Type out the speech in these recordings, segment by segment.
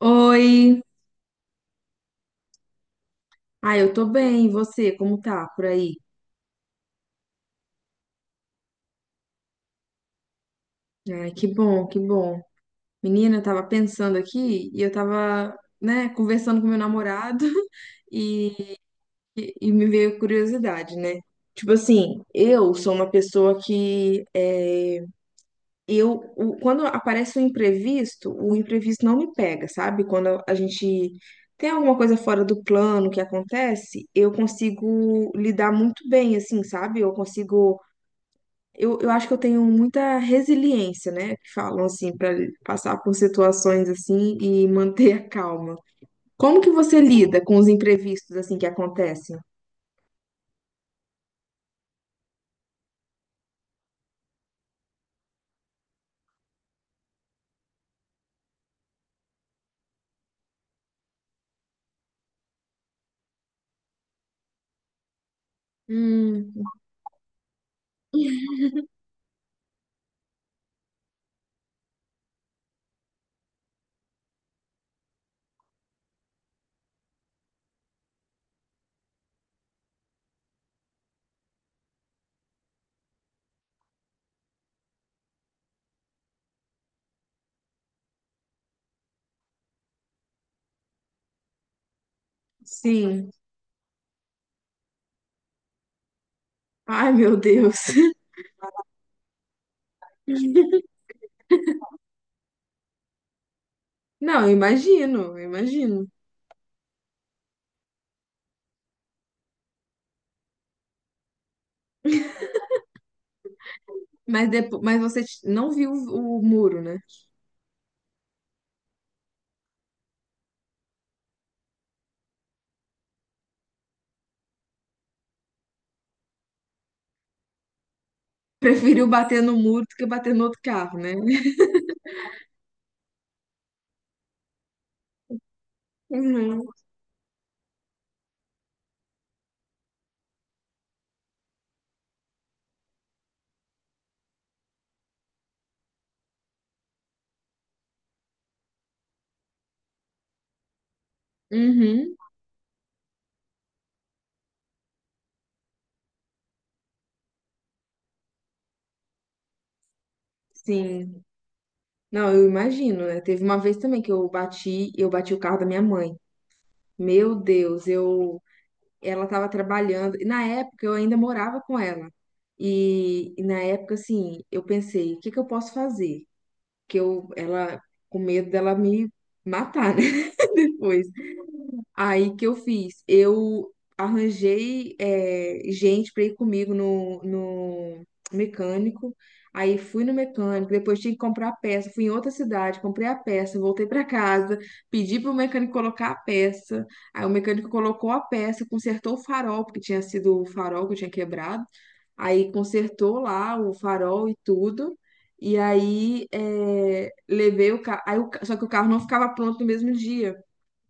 Oi! Ah, eu tô bem, e você? Como tá por aí? Ai, que bom, que bom. Menina, eu tava pensando aqui e eu tava, né, conversando com meu namorado e, e me veio curiosidade, né? Tipo assim, eu sou uma pessoa que é, eu o- quando aparece um imprevisto, o imprevisto não me pega, sabe? Quando a gente tem alguma coisa fora do plano que acontece, eu consigo lidar muito bem, assim, sabe? Eu acho que eu tenho muita resiliência, né? Que falam assim, para passar por situações assim e manter a calma. Como que você lida com os imprevistos assim que acontecem? Hum, sim. Ai, meu Deus. Não, eu imagino, eu imagino. Mas depois, mas não viu o muro, né? Preferiu bater no muro do que bater no outro carro, né? Uhum. Uhum. Sim. Não, eu imagino, né? Teve uma vez também eu bati o carro da minha mãe. Meu Deus, eu ela estava trabalhando, e na época eu ainda morava com ela. E na época, assim, eu pensei, o que que eu posso fazer? Que eu, ela, com medo dela me matar, né, depois. Aí que eu fiz? Eu arranjei gente para ir comigo no mecânico. Aí fui no mecânico, depois tinha que comprar a peça. Fui em outra cidade, comprei a peça, voltei para casa, pedi pro mecânico colocar a peça. Aí o mecânico colocou a peça, consertou o farol, porque tinha sido o farol que eu tinha quebrado. Aí consertou lá o farol e tudo. E aí levei o carro. Só que o carro não ficava pronto no mesmo dia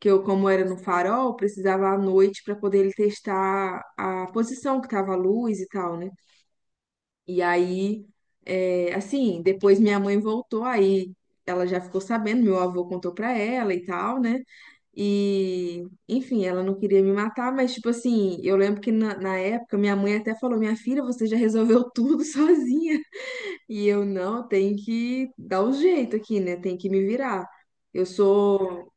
que eu, como era no farol, precisava à noite para poder ele testar a posição que tava a luz e tal, né? E aí, é, assim, depois minha mãe voltou, aí ela já ficou sabendo, meu avô contou para ela e tal, né? E, enfim, ela não queria me matar, mas, tipo assim, eu lembro que na época minha mãe até falou: Minha filha, você já resolveu tudo sozinha. E eu, não, tem que dar um jeito aqui, né? Tem que me virar. Eu sou.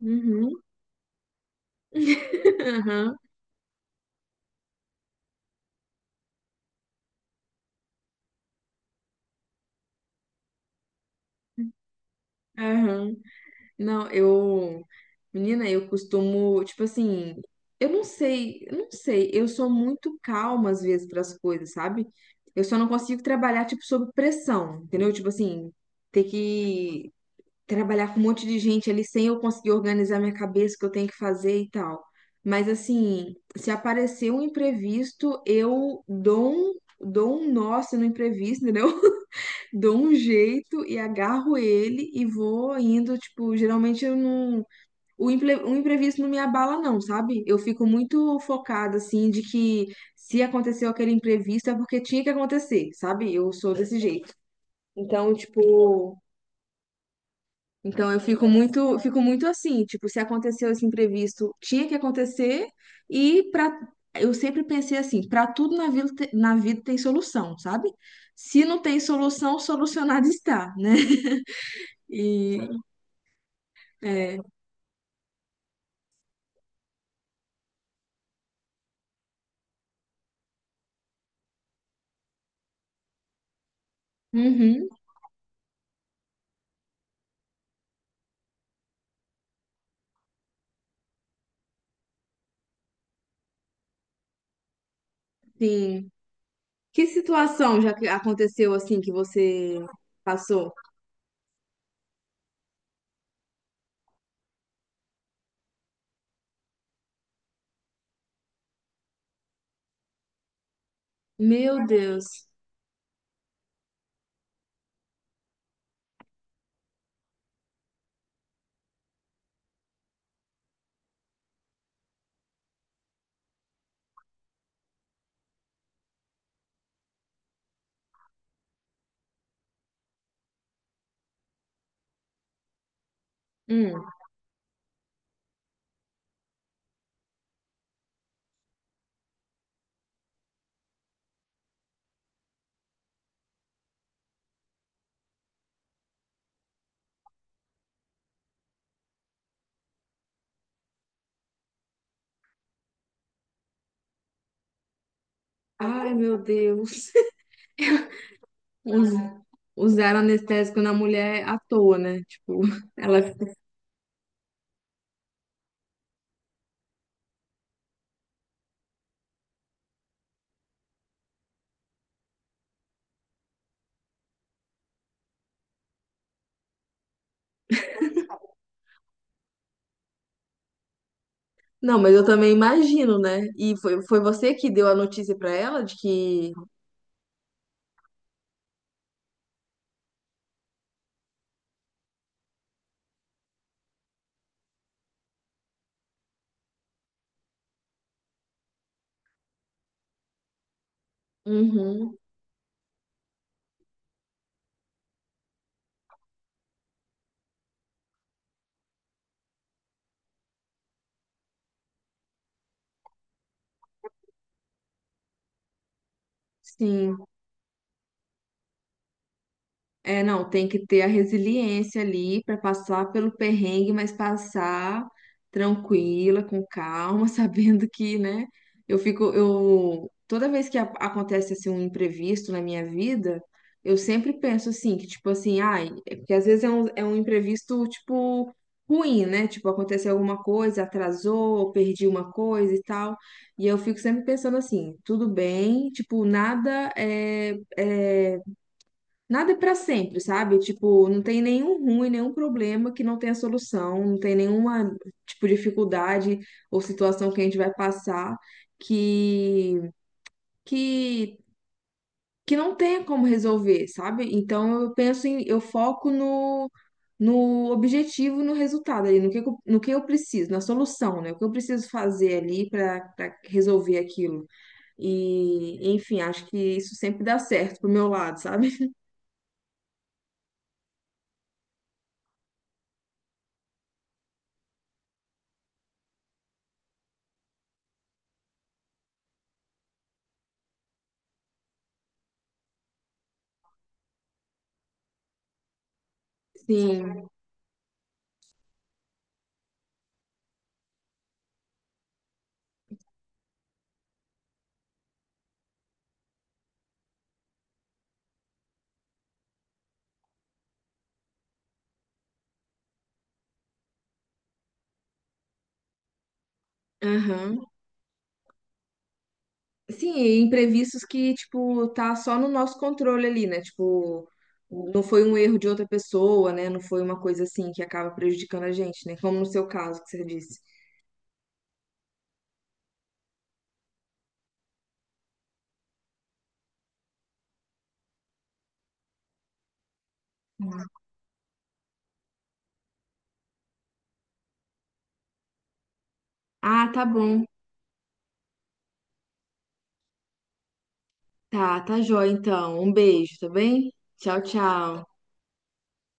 Uhum. Aham. Não, eu. Menina, eu costumo, tipo assim, eu não sei, eu sou muito calma às vezes para as coisas, sabe? Eu só não consigo trabalhar, tipo, sob pressão, entendeu? Tipo assim, ter que trabalhar com um monte de gente ali sem eu conseguir organizar minha cabeça, o que eu tenho que fazer e tal. Mas assim, se aparecer um imprevisto, dou um nó assim, no imprevisto, entendeu? Dou um jeito e agarro ele e vou indo, tipo, geralmente eu não. O imprevisto não me abala, não, sabe? Eu fico muito focada, assim, de que se aconteceu aquele imprevisto é porque tinha que acontecer, sabe? Eu sou desse jeito. Então, tipo. Então eu fico muito assim, tipo, se aconteceu esse imprevisto, tinha que acontecer e para eu sempre pensei assim, para tudo na vida, na vida tem solução, sabe? Se não tem solução, solucionado está, né? E, é, uhum, sim. Que situação já que aconteceu assim que você passou? Meu Deus. Hum. Ai, meu Deus. Us- Usaram anestésico na mulher à toa, né? Tipo, ela. Não, mas eu também imagino, né? E foi, foi você que deu a notícia pra ela de que. Uhum, sim. É, não, tem que ter a resiliência ali para passar pelo perrengue, mas passar tranquila, com calma, sabendo que, né? Eu fico, eu toda vez que acontece assim um imprevisto na minha vida, eu sempre penso assim, que tipo assim, ai, é porque às vezes é um imprevisto tipo ruim, né? Tipo, aconteceu alguma coisa, atrasou, perdi uma coisa e tal. E eu fico sempre pensando assim, tudo bem, tipo, nada é pra sempre, sabe? Tipo, não tem nenhum ruim, nenhum problema que não tenha solução, não tem nenhuma, tipo, dificuldade ou situação que a gente vai passar que que que não tenha como resolver, sabe? Então eu penso em, eu foco no objetivo, no resultado ali, no que eu preciso, na solução, né? O que eu preciso fazer ali pra resolver aquilo. E, enfim, acho que isso sempre dá certo pro meu lado, sabe? Sim. Aham. Sim, e imprevistos que, tipo, tá só no nosso controle ali, né? Tipo, não foi um erro de outra pessoa, né? Não foi uma coisa assim que acaba prejudicando a gente, né? Como no seu caso que você disse. Ah, tá bom. Tá, tá jóia então. Um beijo, tá bem? Tchau, tchau.